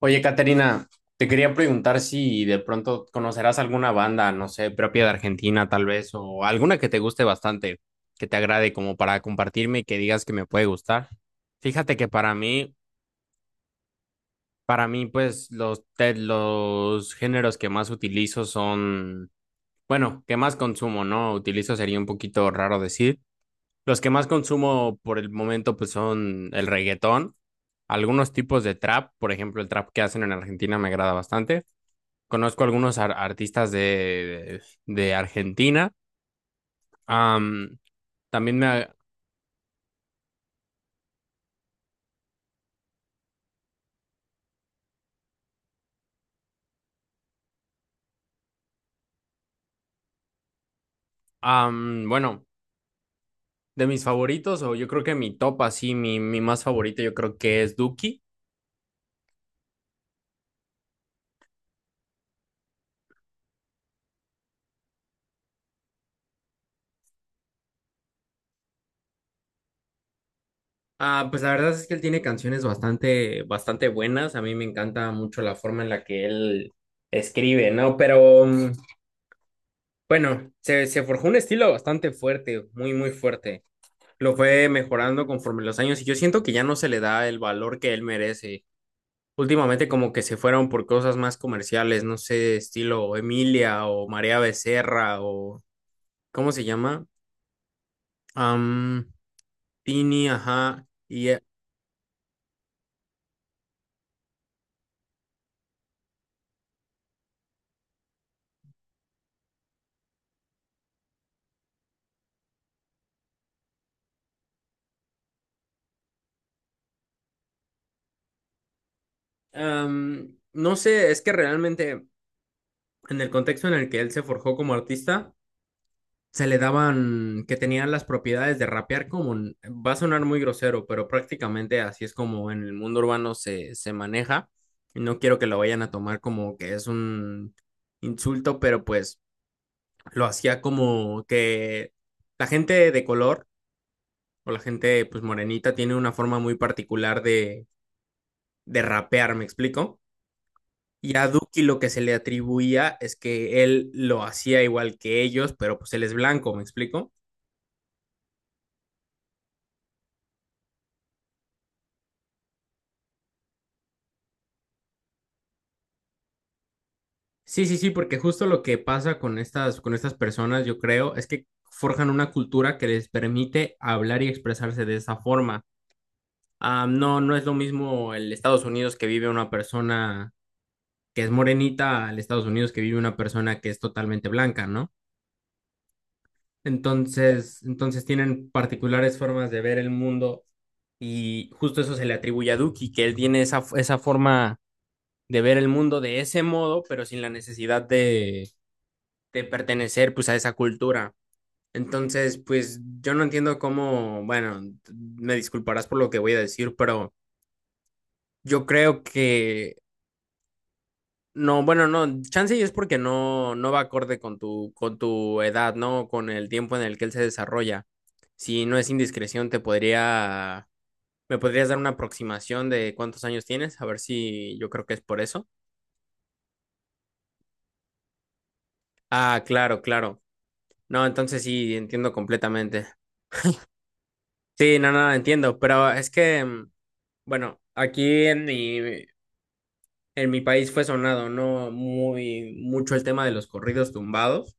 Oye, Caterina, te quería preguntar si de pronto conocerás alguna banda, no sé, propia de Argentina tal vez, o alguna que te guste bastante, que te agrade como para compartirme y que digas que me puede gustar. Fíjate que para mí, pues los géneros que más utilizo son, bueno, que más consumo, ¿no? Utilizo sería un poquito raro decir. Los que más consumo por el momento, pues son el reggaetón, algunos tipos de trap, por ejemplo, el trap que hacen en Argentina me agrada bastante. Conozco algunos artistas de Argentina. Am, también me... bueno, de mis favoritos, o yo creo que mi top así, mi más favorito, yo creo que es Duki. Ah, pues la verdad es que él tiene canciones bastante, bastante buenas. A mí me encanta mucho la forma en la que él escribe, ¿no? Pero bueno, se forjó un estilo bastante fuerte, muy, muy fuerte. Lo fue mejorando conforme los años y yo siento que ya no se le da el valor que él merece. Últimamente como que se fueron por cosas más comerciales, no sé, estilo Emilia o María Becerra o ¿cómo se llama? Am, Tini, ajá. Y no sé, es que realmente en el contexto en el que él se forjó como artista, se le daban que tenían las propiedades de rapear como, un- va a sonar muy grosero, pero prácticamente así es como en el mundo urbano se maneja. No quiero que lo vayan a tomar como que es un insulto, pero pues lo hacía como que la gente de color o la gente pues morenita tiene una forma muy particular de rapear, ¿me explico? Y a Duki lo que se le atribuía es que él lo hacía igual que ellos, pero pues él es blanco, ¿me explico? Sí, sí, sí, porque justo lo que pasa con con estas personas, yo creo, es que forjan una cultura que les permite hablar y expresarse de esa forma. Ah, no, no es lo mismo el Estados Unidos que vive una persona que es morenita al Estados Unidos que vive una persona que es totalmente blanca, ¿no? Entonces tienen particulares formas de ver el mundo y justo eso se le atribuye a Duki, que él tiene esa forma de ver el mundo de ese modo, pero sin la necesidad de pertenecer pues a esa cultura. Entonces, pues yo no entiendo cómo, bueno, me disculparás por lo que voy a decir, pero yo creo que no, bueno, no, chance y es porque no, no va acorde con con tu edad, ¿no? Con el tiempo en el que él se desarrolla. Si no es indiscreción, te podría, me podrías dar una aproximación de cuántos años tienes, a ver si yo creo que es por eso. Ah, claro, claro. No, entonces sí, entiendo completamente. Sí, no, no, entiendo, pero es que, bueno, aquí en mi país fue sonado, ¿no? Muy, mucho el tema de los corridos tumbados.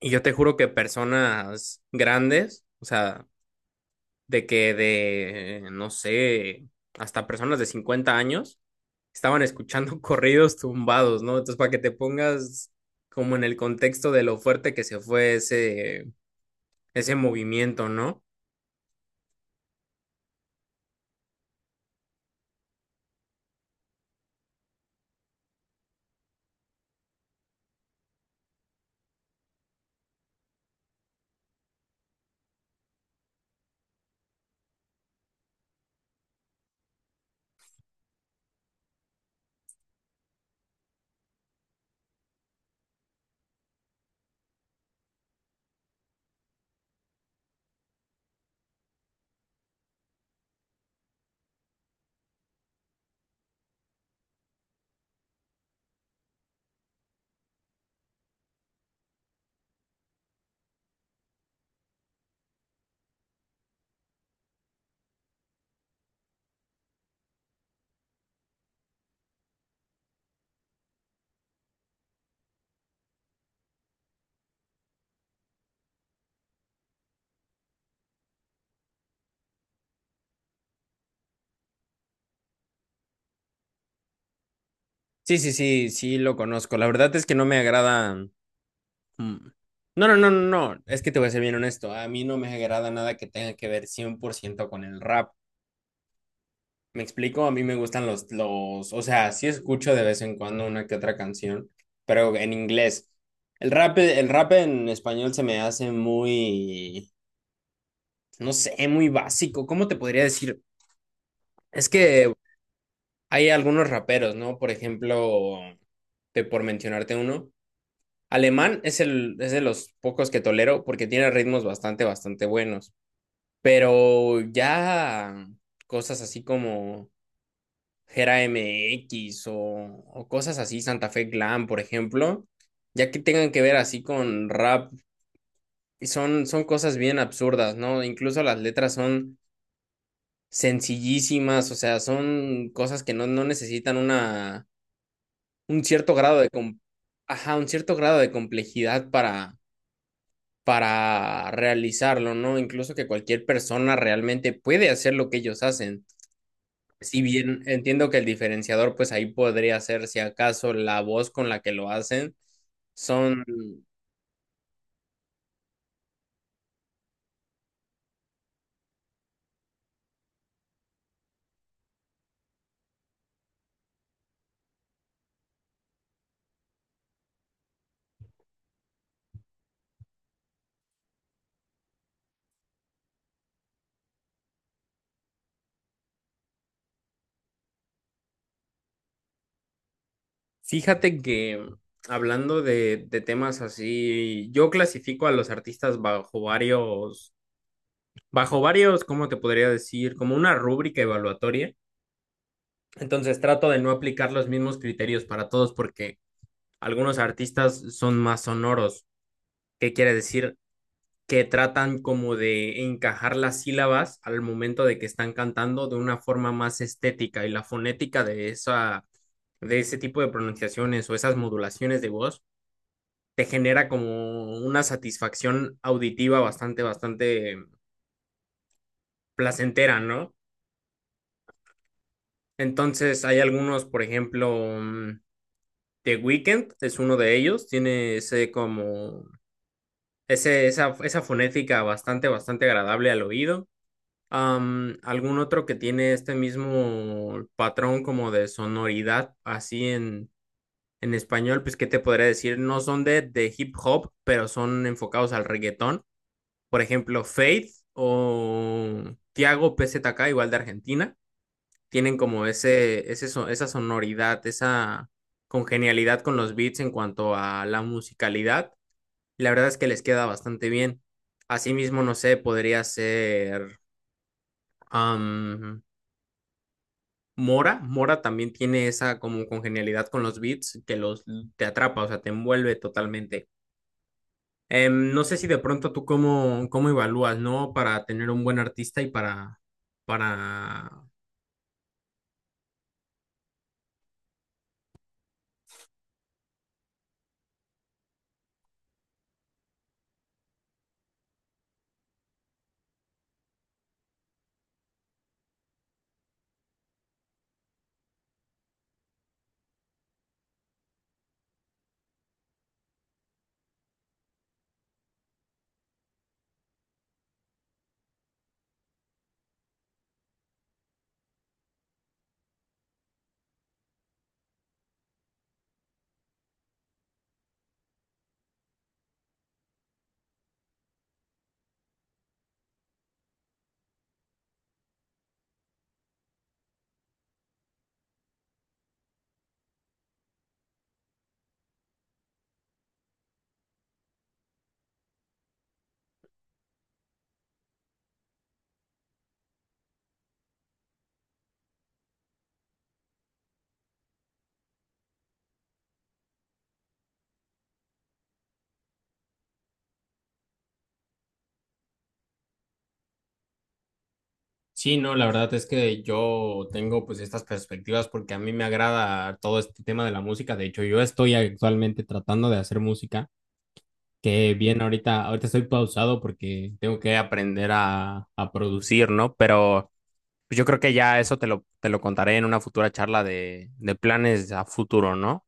Y yo te juro que personas grandes, o sea, no sé, hasta personas de 50 años, estaban escuchando corridos tumbados, ¿no? Entonces, para que te pongas como en el contexto de lo fuerte que se fue ese movimiento, ¿no? Sí, sí, sí, sí, lo conozco. La verdad es que no me agrada. mm, No, no, no, no, no. Es que te voy a ser bien honesto. A mí no me agrada nada que tenga que ver 100% con el rap. Me explico, a mí me gustan o sea, sí escucho de vez en cuando una que otra canción, pero en inglés. El rap en español se me hace muy, no sé, muy básico. ¿Cómo te podría decir? Es que hay algunos raperos, ¿no? Por ejemplo, te- por mencionarte uno, Alemán es de los pocos que tolero porque tiene ritmos bastante, bastante buenos. Pero ya cosas así como Gera MX o cosas así, Santa Fe Glam, por ejemplo, ya que tengan que ver así con rap, y son, son cosas bien absurdas, ¿no? Incluso las letras son sencillísimas, o sea, son cosas que no, no necesitan una, un cierto grado de, com- ajá, un cierto grado de complejidad para realizarlo, ¿no? Incluso que cualquier persona realmente puede hacer lo que ellos hacen. Si bien entiendo que el diferenciador, pues ahí podría ser si acaso la voz con la que lo hacen. Son, fíjate que hablando de temas así, yo clasifico a los artistas bajo varios, ¿cómo te podría decir? Como una rúbrica evaluatoria. Entonces trato de no aplicar los mismos criterios para todos porque algunos artistas son más sonoros. ¿Qué quiere decir? Que tratan como de encajar las sílabas al momento de que están cantando de una forma más estética y la fonética de esa de ese tipo de pronunciaciones o esas modulaciones de voz te genera como una satisfacción auditiva bastante bastante placentera, ¿no? Entonces hay algunos, por ejemplo, mm, The Weeknd es uno de ellos, tiene ese como esa fonética bastante bastante agradable al oído. ¿Algún otro que tiene este mismo patrón como de sonoridad así en español? Pues, ¿qué te podría decir? No son de hip hop, pero son enfocados al reggaetón. Por ejemplo, Faith o Tiago PZK, igual de Argentina, tienen como esa sonoridad, esa congenialidad con los beats en cuanto a la musicalidad. Y la verdad es que les queda bastante bien. Asimismo, no sé, podría ser... Mora, Mora también tiene esa como congenialidad con los beats que los te atrapa, o sea, te envuelve totalmente. No sé si de pronto tú cómo, cómo evalúas, ¿no? Para tener un buen artista y para... Sí, no, la verdad es que yo tengo pues estas perspectivas porque a mí me agrada todo este tema de la música. De hecho, yo estoy actualmente tratando de hacer música, que bien ahorita, ahorita estoy pausado porque tengo que aprender a producir, ¿no? Pero pues yo creo que ya eso te te lo contaré en una futura charla de planes a futuro, ¿no?